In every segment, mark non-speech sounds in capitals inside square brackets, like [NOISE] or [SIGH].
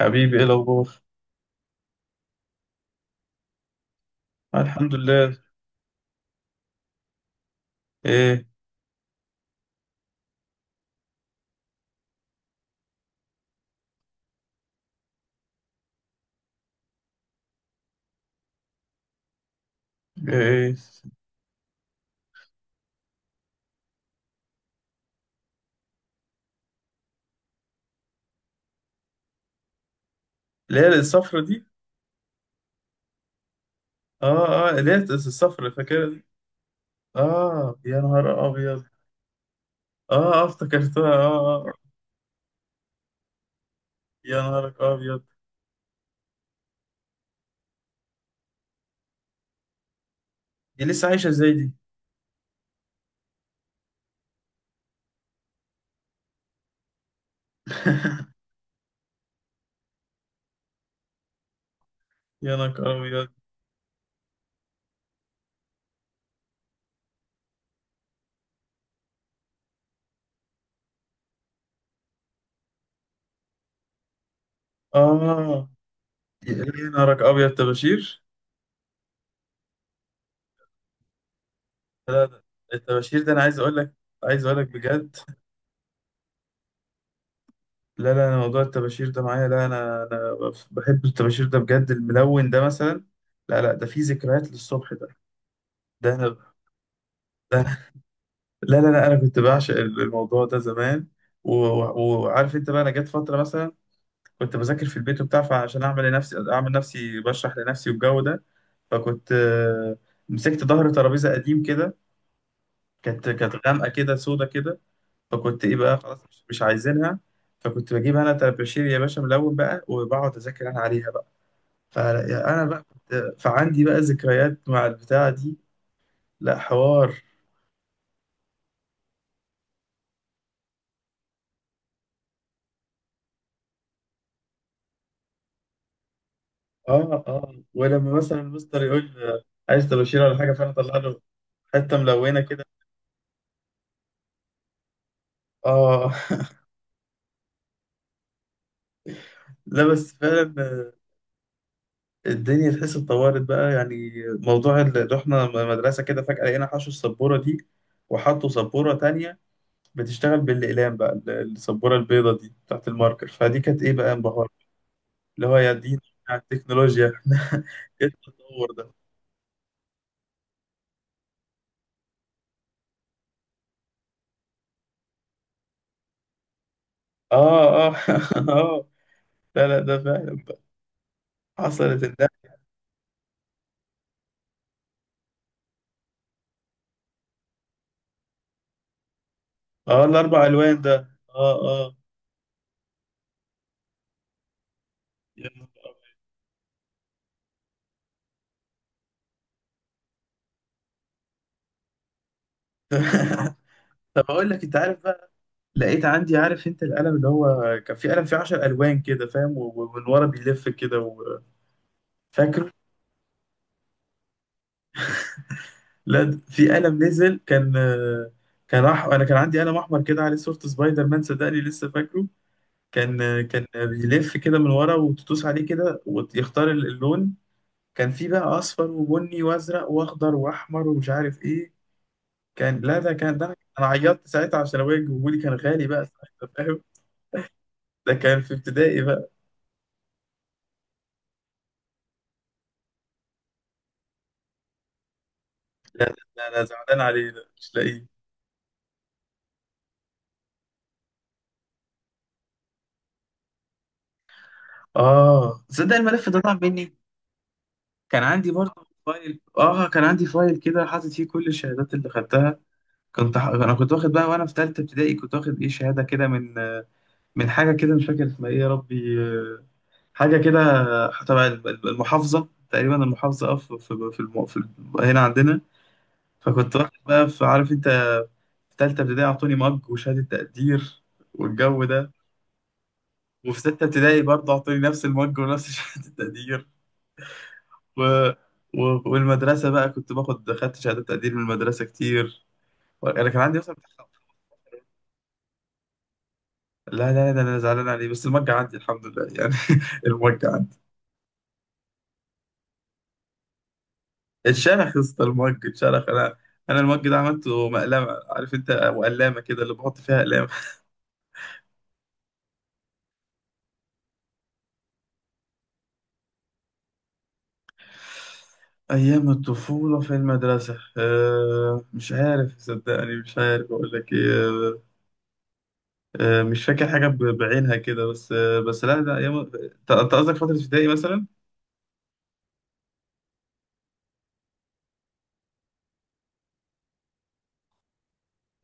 حبيبي ايه الاخبار؟ آه الحمد لله. ايه ايه؟ اللي هي الصفرة دي؟ اه اه، اللي هي الصفرة فاكرها دي. اه يا نهار ابيض. اه اه افتكرتها، اه. آه. آه. يا نهارك ابيض. دي لسه عايشة ازاي دي؟ [LAUGHS] يا نهارك ابيض. اه، يا نهارك ابيض، طباشير؟ لا لا. الطباشير ده انا عايز اقول لك، عايز اقول لك بجد. لا لا، أنا موضوع الطباشير ده معايا، لا انا بحب الطباشير ده بجد، الملون ده مثلا. لا لا، ده فيه ذكريات للصبح ده. ده انا ده لا لا لا، انا كنت بعشق الموضوع ده زمان. وعارف انت بقى، انا جت فتره مثلا كنت بذاكر في البيت وبتاع، فعشان اعمل لنفسي، اعمل نفسي بشرح لنفسي والجو ده. فكنت مسكت ظهر ترابيزه قديم كده، كانت غامقه كده، سودا كده. فكنت ايه بقى؟ خلاص، مش عايزينها. فكنت بجيب انا طباشير يا باشا ملون بقى، وبقعد اذاكر انا عليها بقى. فانا بقى كنت، فعندي بقى ذكريات مع البتاعه دي. لا حوار. اه اه، ولما مثلا المستر يقول عايز طباشير ولا حاجه، فانا اطلع له حته ملونه كده. اه. [LAUGHS] لا بس فعلا، الدنيا تحس اتطورت بقى. يعني موضوع اللي رحنا مدرسه كده فجاه لقينا حشوا السبوره دي، وحطوا سبوره تانية بتشتغل بالاقلام بقى، السبوره البيضه دي بتاعت الماركر. فدي كانت ايه بقى؟ انبهار، اللي هو يا دين على التكنولوجيا. [LAUGHS] احنا ايه التطور ده؟ اه اه، [LAUGHS] اه. لا لا، ده فعلا بقى حصلت. اه الاربع الوان ده. اه اه، يا نهار أبيض. [LAUGHS] طب اقول لك؟ انت عارف بقى، لقيت عندي، عارف انت القلم اللي هو كان في قلم فيه 10 الوان كده، فاهم؟ ومن ورا بيلف كده فاكره. لا في قلم نزل، كان كان انا كان عندي قلم احمر كده عليه صورة سبايدر مان، صدقني لسه فاكره. كان كان بيلف كده من ورا وتدوس عليه كده ويختار اللون. كان في بقى اصفر وبني وازرق واخضر واحمر ومش عارف ايه. كان، لا ده كان، ده انا عيطت ساعتها عشان ابويا جابولي، كان غالي بقى ساعتها فاهم. ده كان في ابتدائي بقى. لا لا لا، انا زعلان عليه، ده مش لاقيه. اه تصدق، الملف ده ضاع مني. كان عندي برضه فايل، اه كان عندي فايل كده حاطط فيه كل الشهادات اللي خدتها. انا كنت واخد بقى وانا في ثالثه ابتدائي، كنت واخد ايه، شهاده كده من من حاجه كده، مش فاكر اسمها ايه يا ربي، حاجه كده، تبع المحافظه تقريبا، المحافظه، اه في، هنا عندنا. فكنت واخد بقى، في عارف انت، في تالتة ابتدائي أعطوني مج وشهادة تقدير والجو ده. وفي ستة ابتدائي برضه أعطوني نفس المج ونفس [LAUGHS] شهادة التقدير. و... والمدرسة بقى كنت باخد، خدت شهادة تقدير من المدرسة كتير. أنا كان عندي أصلا امتحان. لا لا لا، أنا زعلان عليه، بس المج عندي الحمد لله يعني. [LAUGHS] المج عندي. اتشرخ يا اسطى، المج اتشرخ أنا. أنا المج ده عملته مقلمة، عارف أنت، وقلامة كده اللي بحط فيها أقلام. أيام الطفولة في المدرسة، أه مش عارف صدقني، مش عارف أقول لك إيه، أه مش فاكر حاجة بعينها كده، بس أه، بس لا ده أيام، أنت قصدك فترة ابتدائي مثلا؟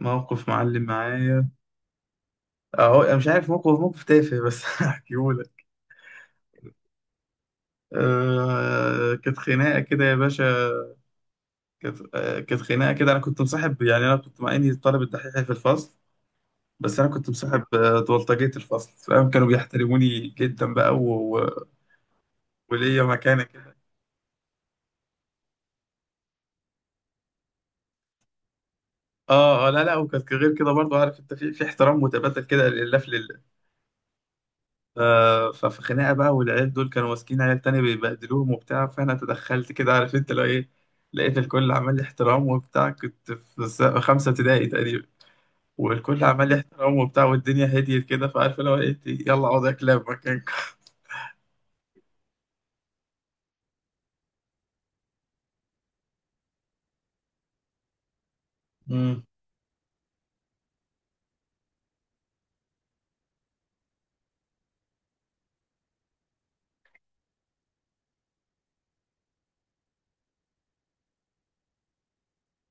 موقف معلم معايا. أهو أنا مش عارف، موقف، موقف تافه بس [LAUGHS] هحكيهولك. أه كانت خناقة كده يا باشا. كانت كانت خناقة كده. أنا كنت مصاحب، يعني أنا كنت مع إني الطالب الدحيح في الفصل، بس أنا كنت مصاحب بلطجية الفصل، فاهم؟ كانوا بيحترموني جدا بقى، وليا مكانه كده. اه اه، لا لا، وكانت غير كده برضو، عارف انت، في احترام متبادل كده، لله في لله. ف- ففي خناقه بقى، والعيال دول كانوا ماسكين عيال تانية بيبهدلوهم وبتاع، فانا تدخلت كده، عارف انت لو ايه. لقيت الكل عمال لي احترام وبتاع، كنت في خمسه ابتدائي تقريبا. والكل عمال لي احترام وبتاع، والدنيا هديت كده، فعارف لو ايه، يلا اقعد يا كلاب مكانكم. امم.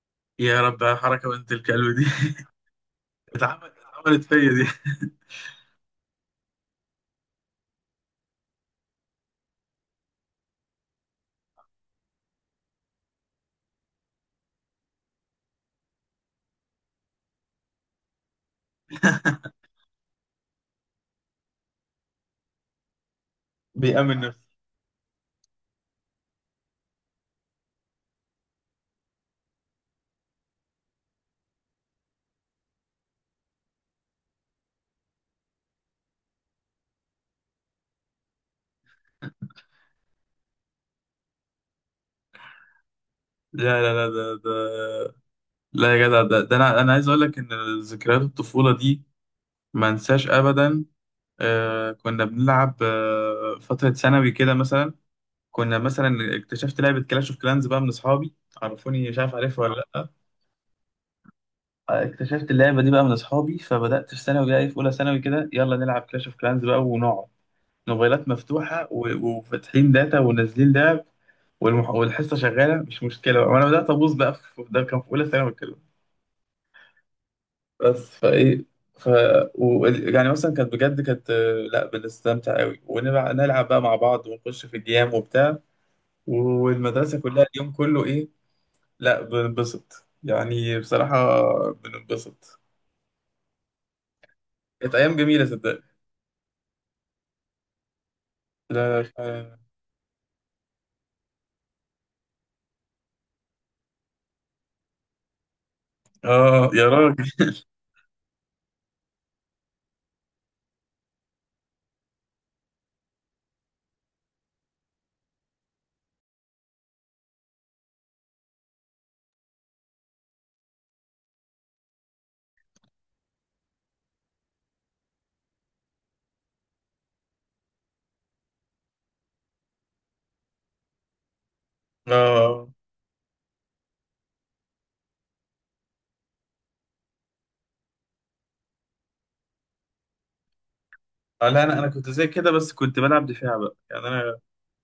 [LAUGHS] يا رب، يا حركه بنت الكلب دي. [LAUGHS] اتعملت فيا دي. [LAUGHS] بيأمن نفسه. لا لا لا، ده ده لا يا جدع، ده انا عايز اقول لك ان ذكريات الطفوله دي ما انساش ابدا. آه كنا بنلعب، آه فتره ثانوي كده مثلا، كنا مثلا اكتشفت لعبه كلاش اوف كلانز بقى من اصحابي، عرفوني، مش عارف، عارفها ولا لا؟ اكتشفت اللعبه دي بقى من اصحابي، فبدات في ثانوي بقى، في اولى ثانوي كده، يلا نلعب كلاش اوف كلانز بقى، ونقعد موبايلات مفتوحه وفاتحين داتا ونازلين لعب. والحصه شغاله مش مشكله، وانا بدات ابوظ بقى ده كان في اولى ثانوي. بس فايه. ف يعني مثلا كانت بجد، كانت لا بنستمتع قوي، ونلعب بقى مع بعض، ونخش في الجيام وبتاع، والمدرسة كلها اليوم كله ايه. لا بننبسط يعني بصراحة، بننبسط. كانت أيام جميلة صدقني. لا. اه يا راجل. اه، لا انا كنت زي كده، بس كنت بلعب دفاع بقى، يعني انا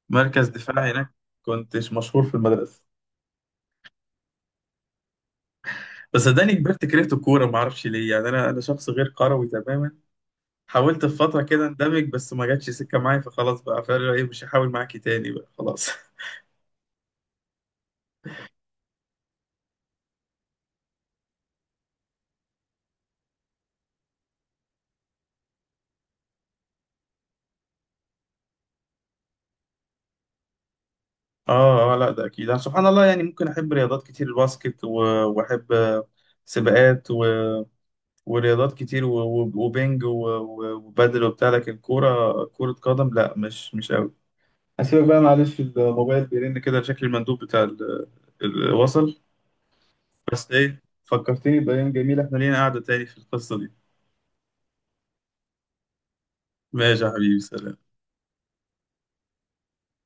مركز دفاع هناك، كنتش مشهور في المدرسة. بس صدقني كبرت كرهت الكورة، ما اعرفش ليه يعني، انا شخص غير كروي تماما. حاولت في فترة كده اندمج، بس ما جاتش سكة معايا، فخلاص بقى فاهم ايه، مش هحاول معاكي تاني بقى خلاص. [LAUGHS] اه اه، لا ده اكيد. أنا سبحان الله يعني ممكن احب رياضات كتير، الباسكت واحب سباقات ورياضات كتير وبينج وبادل وبتاع، لكن كورة، كرة قدم لا، مش قوي. هسيبك بقى معلش، الموبايل بيرن كده، شكل المندوب بتاع وصل. بس ايه، فكرتني بأيام جميلة، احنا لينا قعدة تاني في القصة دي. ماشي يا حبيبي، سلام.